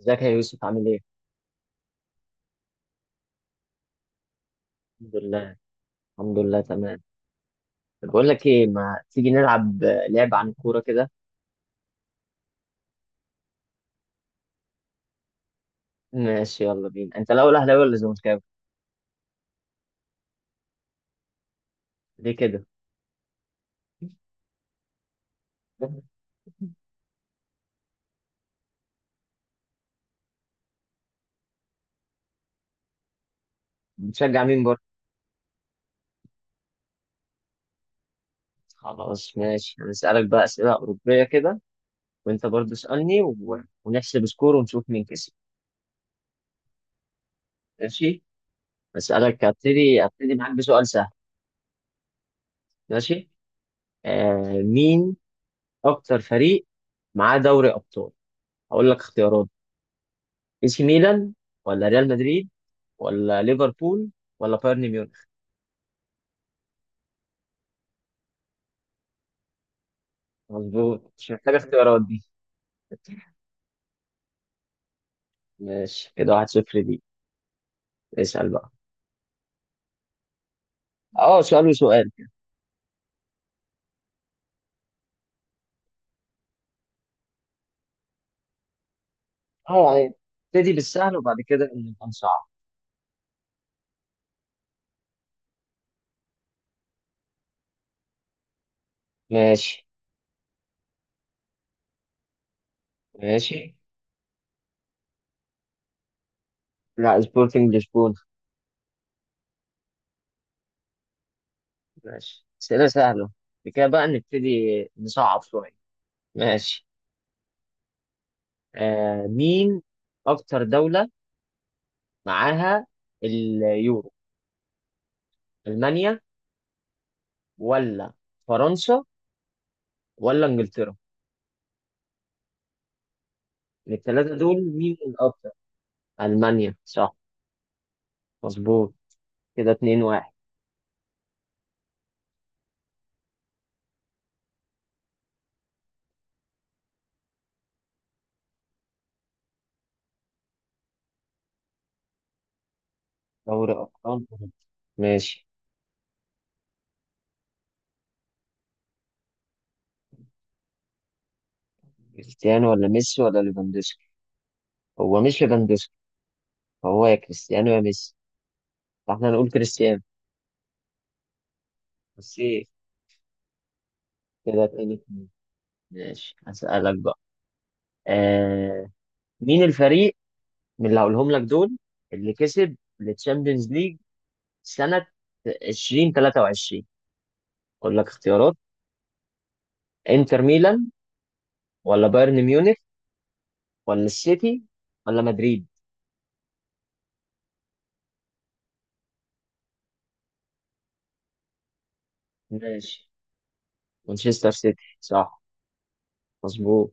ازيك يا يوسف؟ عامل ايه؟ الحمد لله. الحمد لله، تمام. طب بقول لك ايه، ما تيجي نلعب لعبة عن الكورة كده. ماشي، يلا بينا. انت الاول اهلاوي ولا زملكاوي؟ ليه كده؟ بتشجع مين برضه؟ خلاص ماشي، هنسألك بقى أسئلة أوروبية كده، وانت برضه اسألني ونحسب سكور ونشوف مين كسب. ماشي؟ أسألك، هبتدي معاك بسؤال سهل. ماشي؟ آه، مين أكتر فريق معاه دوري أبطال؟ هقول لك اختيارات: اي سي ميلان، ولا ريال مدريد، ولا ليفربول، ولا بايرن ميونخ. مظبوط، مش محتاج اختيارات دي. ماشي، كده واحد صفر دي. اسأل بقى. اه، سؤال وسؤال. اه يعني، ابتدي بالسهل وبعد كده نبقى نصعب. ماشي. ماشي، لا سبورتنج لشبونة. ماشي، أسئلة سهلة بعد كده بقى نبتدي نصعب شوية. ماشي. آه، مين أكتر دولة معاها اليورو؟ ألمانيا، ولا فرنسا، ولا إنجلترا؟ من الثلاثة دول مين الأكتر؟ ألمانيا صح. مظبوط، كده اتنين واحد. دوري أبطال أوروبا. ماشي. كريستيانو ولا ميسي ولا ليفاندوسكي؟ هو مش ليفاندوسكي، هو يا كريستيانو يا ميسي، فاحنا هنقول كريستيانو. بس ايه، كده اتنين اتنين. ماشي، هسألك بقى. آه، مين الفريق من اللي هقولهم لك دول اللي كسب التشامبيونز ليج سنة 2023؟ أقول لك اختيارات: انتر ميلان، ولا بايرن ميونخ، ولا السيتي، ولا مدريد. ماشي، مانشستر سيتي صح. مظبوط.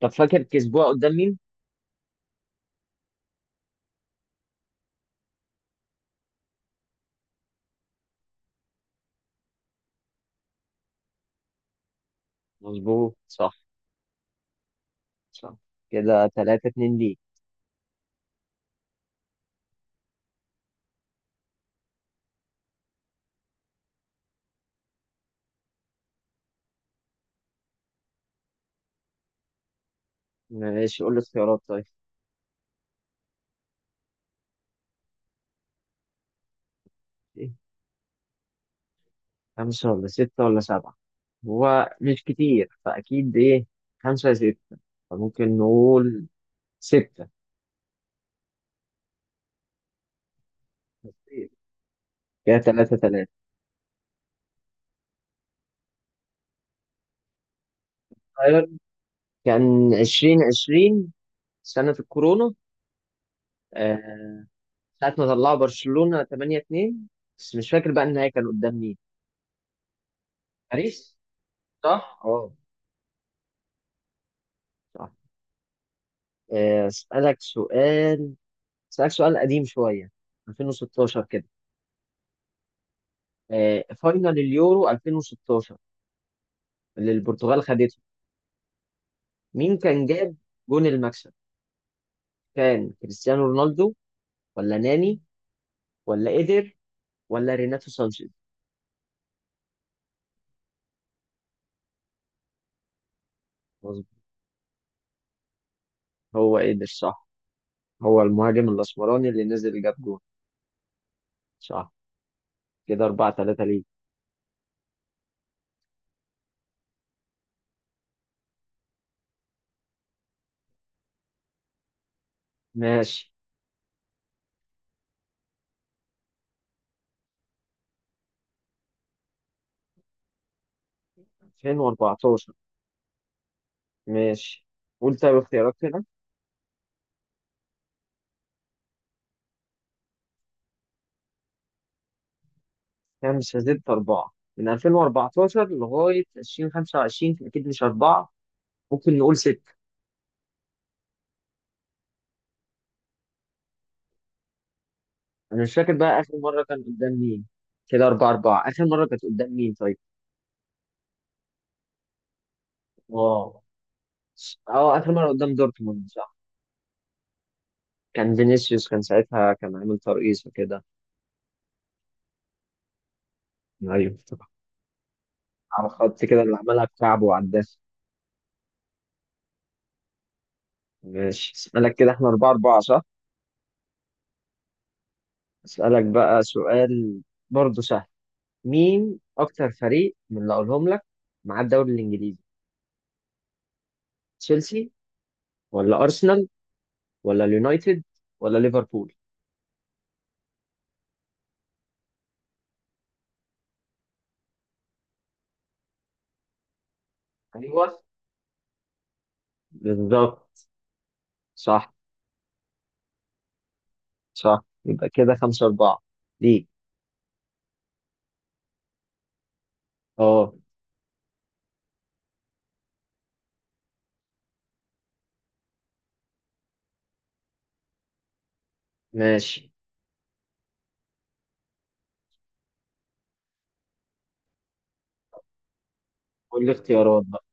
طب فاكر كسبوها قدام مين؟ مظبوط صح. صح، كده تلاتة اتنين ليك. ماشي، قول لي اختيارات طيب. إيه؟ خمسة ولا ستة ولا سبعة؟ هو مش كتير فأكيد، إيه، خمسة يا ستة، فممكن نقول ستة. كده تلاتة تلاتة. طيب، كان عشرين عشرين سنة الكورونا. آه. ساعة ما طلعوا برشلونة تمانية اتنين، بس مش فاكر بقى النهائي كان قدام مين. باريس، صح؟ اه، صح. أسألك سؤال، اسالك سؤال قديم شويه، 2016 كده. فاينل اليورو 2016 اللي البرتغال خدته، مين كان جاب جون المكسب؟ كان كريستيانو رونالدو، ولا ناني، ولا ايدر، ولا ريناتو سانشيز؟ مظبوط، هو ايدر صح. هو المهاجم الاسمراني اللي نزل جاب جون. صح، كده 4 3 ليه. ماشي. 2014، ماشي. قول طيب اختيارات كده. كام؟ مش هزيد أربعة. من 2014 لغاية 2025 أكيد مش أربعة، ممكن نقول ستة. انا مش فاكر بقى اخر مره كان قدام مين. كده اربعة اربعة. اخر مره كانت قدام مين طيب؟ اه. اه، اخر مره قدام دورتموند صح. كان فينيسيوس، كان ساعتها كان عامل ترقيصه كده. ايوه، افتكرت. على خط كده، اللي عملها بكعبه وعداها. ماشي، اسالك كده احنا اربعة اربعة صح. اسالك بقى سؤال، برضه سهل. مين اكتر فريق من اللي اقولهم لك مع الدوري الانجليزي؟ تشيلسي، ولا ارسنال، ولا اليونايتد، ولا ليفربول؟ ايوه، بالظبط، صح. صح، يبقى كده خمسة أربعة ليك. اه، ماشي. قول لي اختيارات بقى.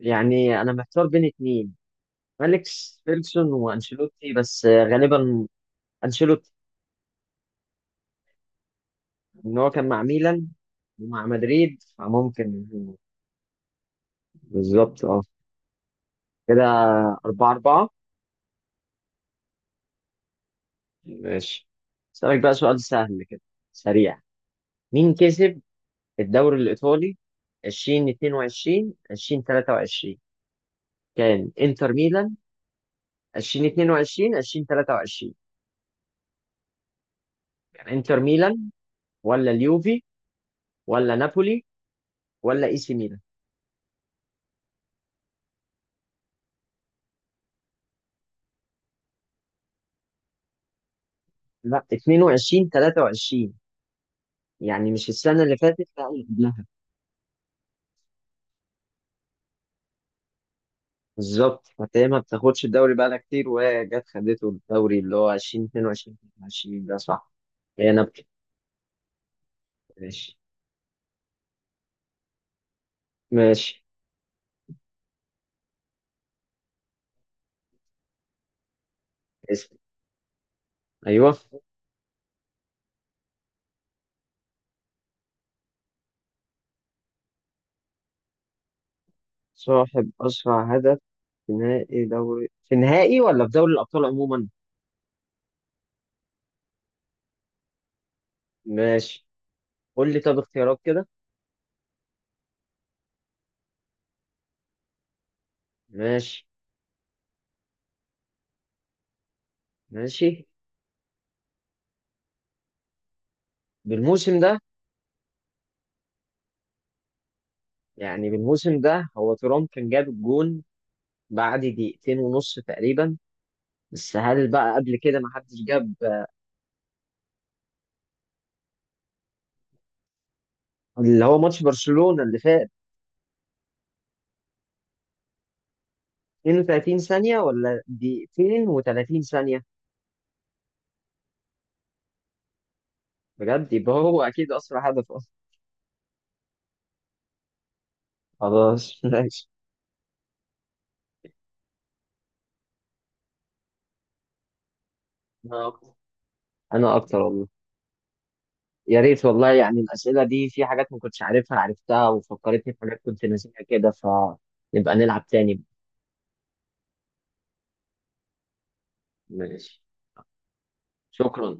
يعني أنا محتار بين اتنين، فيليكس فيلسون وأنشيلوتي، بس غالبا أنشيلوتي، إن هو كان مع ميلان ومع مدريد، فممكن. بالظبط، اه. كده أربعة أربعة. ماشي، أسألك بقى سؤال سهل كده سريع. مين كسب الدوري الإيطالي 2022 2023؟ كان انتر ميلان 2022 2023؟ انتر ميلان، ولا اليوفي، ولا نابولي، ولا اي سي ميلان؟ لا، 22 23، يعني مش السنه اللي فاتت، لا اللي قبلها. بالظبط. فهي ما بتاخدش الدوري بقالها كتير، وهي جت خدته الدوري اللي هو 20 22 23 ده، صح. هي نابولي. ماشي. ماشي. اسم. ايوه. صاحب اسرع هدف في نهائي دوري، في نهائي ولا في دوري الابطال عموما؟ ماشي، قول لي طب اختيارات كده. ماشي. ماشي، بالموسم ده. يعني بالموسم ده هو ترام كان جاب الجون بعد دقيقتين ونص تقريبا، بس هل بقى قبل كده ما حدش جاب؟ اللي هو ماتش برشلونة اللي فات. 32 ثانية ولا دقيقتين و30 ثانية؟ بجد، يبقى هو أكيد أسرع هدف أصلا. خلاص ماشي. أنا أكتر. أنا أكتر والله. يا ريت والله، يعني الأسئلة دي في حاجات ما كنتش عارفها عرفتها، وفكرتني في حاجات كنت ناسيها كده، فنبقى نلعب تاني. ماشي. شكرا.